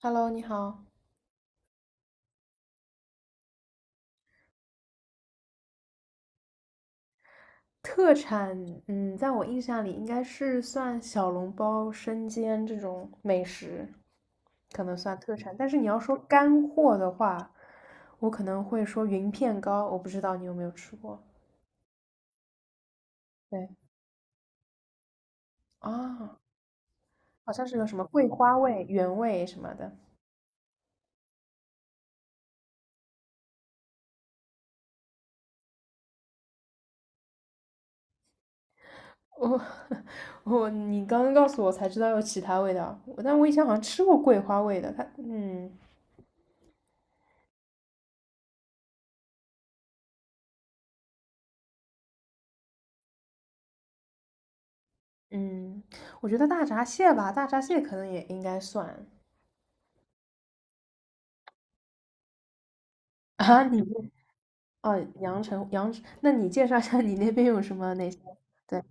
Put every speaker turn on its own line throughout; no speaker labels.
Hello，你好。特产，在我印象里应该是算小笼包、生煎这种美食，可能算特产。但是你要说干货的话，我可能会说云片糕，我不知道你有没有吃过。对，啊，好像是有什么桂花味、原味什么的。我 我你刚刚告诉我才知道有其他味道，但我以前好像吃过桂花味的。它，嗯嗯，我觉得大闸蟹吧，大闸蟹可能也应该算。啊，你们哦，阳澄阳澄，那你介绍一下你那边有什么那些？对，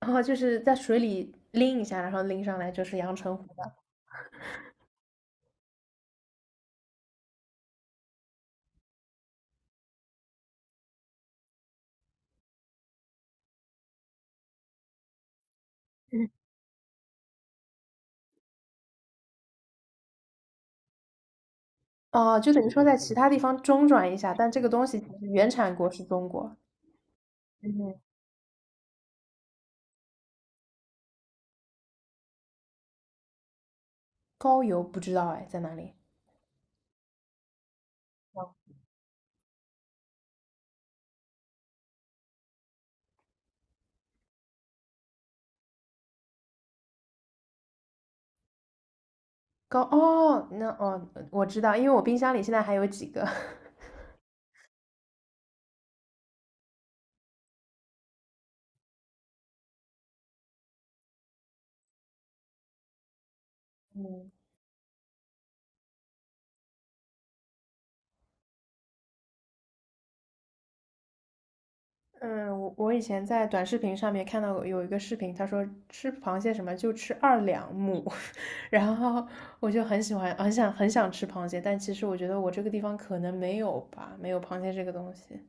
然后就是在水里拎一下，然后拎上来就是阳澄湖的。嗯哦，就等于说在其他地方中转一下，但这个东西其实原产国是中国。嗯，高邮不知道哎，在哪里？哦，高哦，那哦，我知道，因为我冰箱里现在还有几个。嗯嗯，我以前在短视频上面看到有一个视频，他说吃螃蟹什么就吃2两母，然后我就很喜欢，很想很想吃螃蟹，但其实我觉得我这个地方可能没有吧，没有螃蟹这个东西。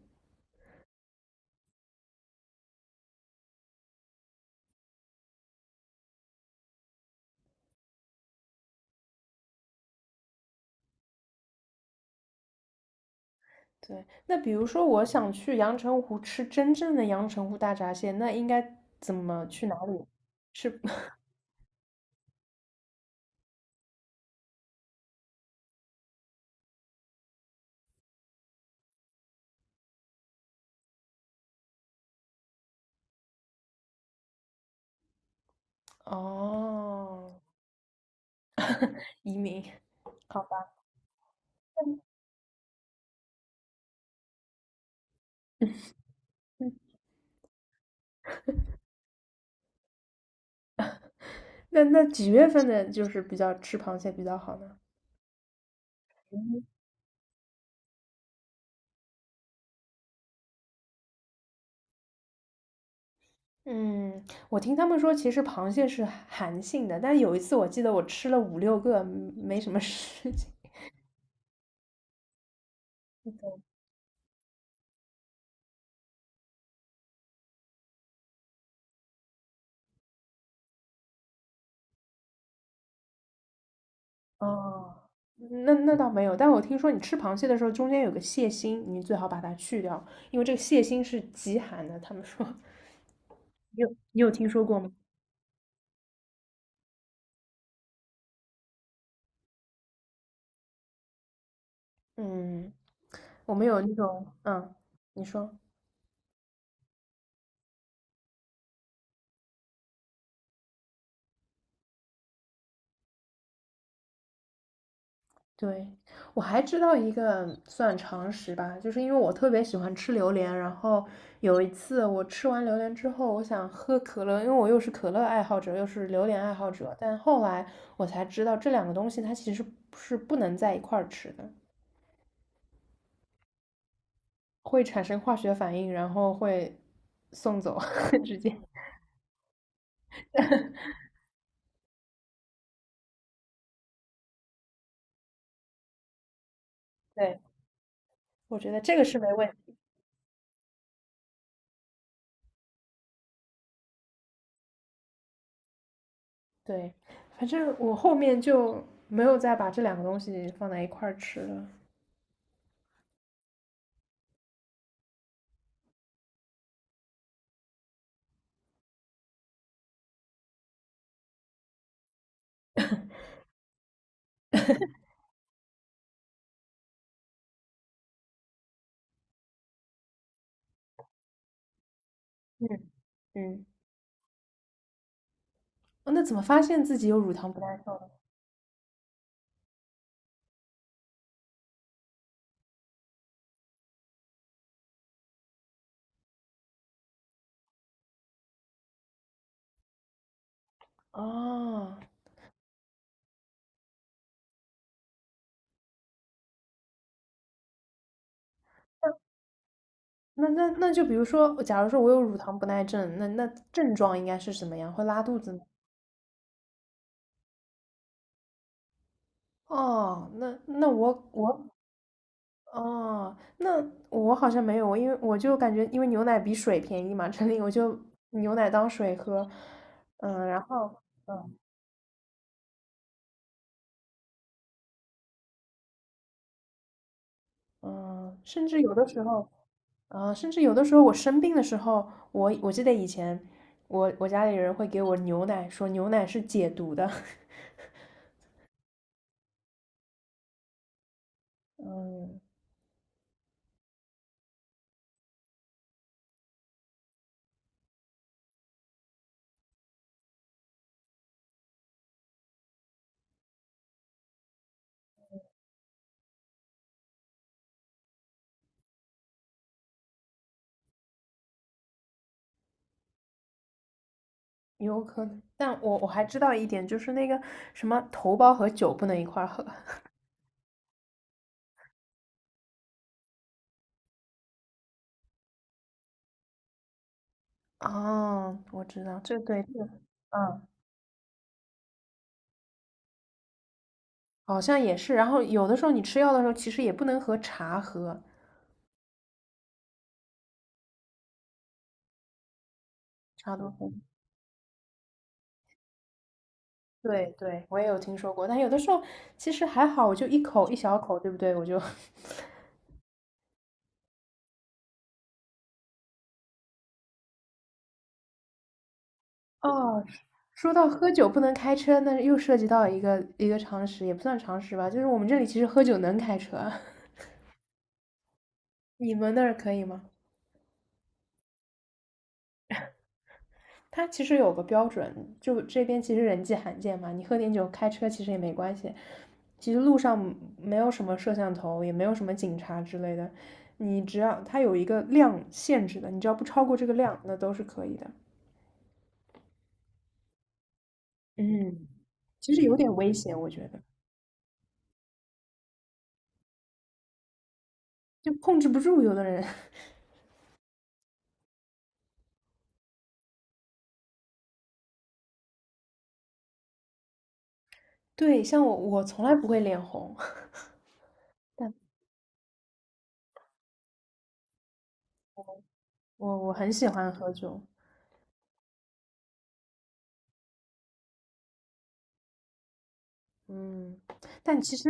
对，那比如说我想去阳澄湖吃真正的阳澄湖大闸蟹，那应该怎么去哪里吃？是。 哦，移民，好吧。嗯那几月份的就是比较吃螃蟹比较好呢？嗯，我听他们说，其实螃蟹是寒性的，但有一次我记得我吃了五六个，没什么事情。哦，那倒没有，但我听说你吃螃蟹的时候，中间有个蟹心，你最好把它去掉，因为这个蟹心是极寒的。他们说，你有听说过吗？嗯，我们有那种，你说。对，我还知道一个算常识吧，就是因为我特别喜欢吃榴莲，然后有一次我吃完榴莲之后，我想喝可乐，因为我又是可乐爱好者，又是榴莲爱好者，但后来我才知道这两个东西它其实是不能在一块儿吃的，会产生化学反应，然后会送走，直接。对，我觉得这个是没问题。对，反正我后面就没有再把这两个东西放在一块儿吃了。嗯嗯。哦，那怎么发现自己有乳糖不耐受呢？哦，那就比如说，假如说我有乳糖不耐症，那症状应该是什么样？会拉肚子吗？哦，那我好像没有，因为我就感觉因为牛奶比水便宜嘛，这里我就牛奶当水喝，然后嗯嗯，甚至有的时候。啊，甚至有的时候我生病的时候，我记得以前我家里人会给我牛奶，说牛奶是解毒的。嗯，有可能，但我还知道一点，就是那个什么头孢和酒不能一块儿喝。哦，我知道，这对这个嗯，好像也是。然后有的时候你吃药的时候，其实也不能和茶喝，茶多喝。对对，我也有听说过，但有的时候其实还好，我就一口一小口，对不对？我就。 哦，说到喝酒不能开车，那又涉及到一个常识，也不算常识吧，就是我们这里其实喝酒能开车，你们那儿可以吗？它其实有个标准，就这边其实人迹罕见嘛，你喝点酒开车其实也没关系。其实路上没有什么摄像头，也没有什么警察之类的，你只要它有一个量限制的，你只要不超过这个量，那都是可以的。嗯，其实有点危险，我觉得就控制不住有的人。对，像我，我从来不会脸红，但我很喜欢喝酒，嗯，但其实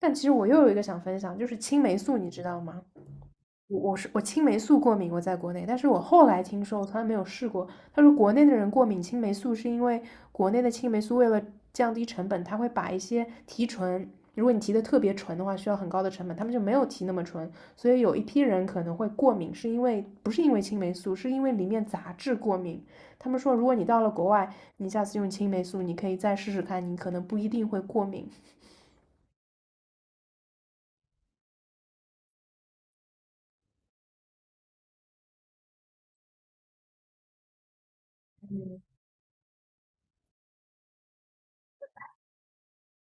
但其实我又有一个想分享，就是青霉素，你知道吗？我青霉素过敏，我在国内，但是我后来听说，我从来没有试过。他说国内的人过敏青霉素是因为国内的青霉素为了降低成本，他会把一些提纯，如果你提的特别纯的话，需要很高的成本，他们就没有提那么纯，所以有一批人可能会过敏，是因为不是因为青霉素，是因为里面杂质过敏。他们说，如果你到了国外，你下次用青霉素，你可以再试试看，你可能不一定会过敏。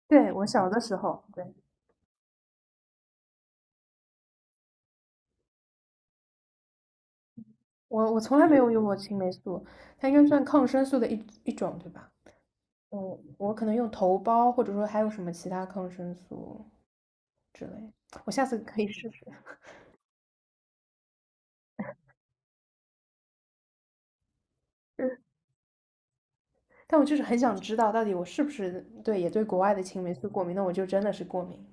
对，我小的时候，对。我从来没有用过青霉素，它应该算抗生素的一种，对吧？嗯，我可能用头孢，或者说还有什么其他抗生素之类，我下次可以试试。但我就是很想知道，到底我是不是对国外的青霉素过敏？那我就真的是过敏。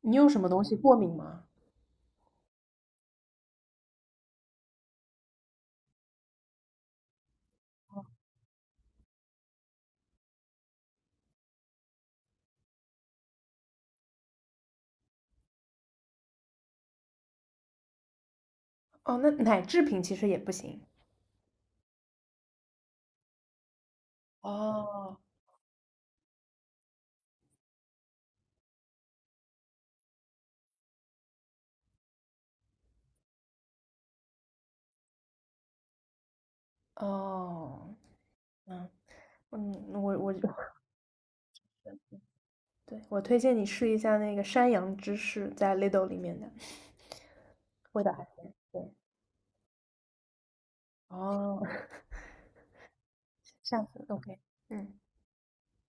你用什么东西过敏吗？哦，那奶制品其实也不行。哦，哦，嗯嗯，我就。 对我推荐你试一下那个山羊芝士，在 Lidl 里面的，味道还行。对，哦这样次 OK，嗯，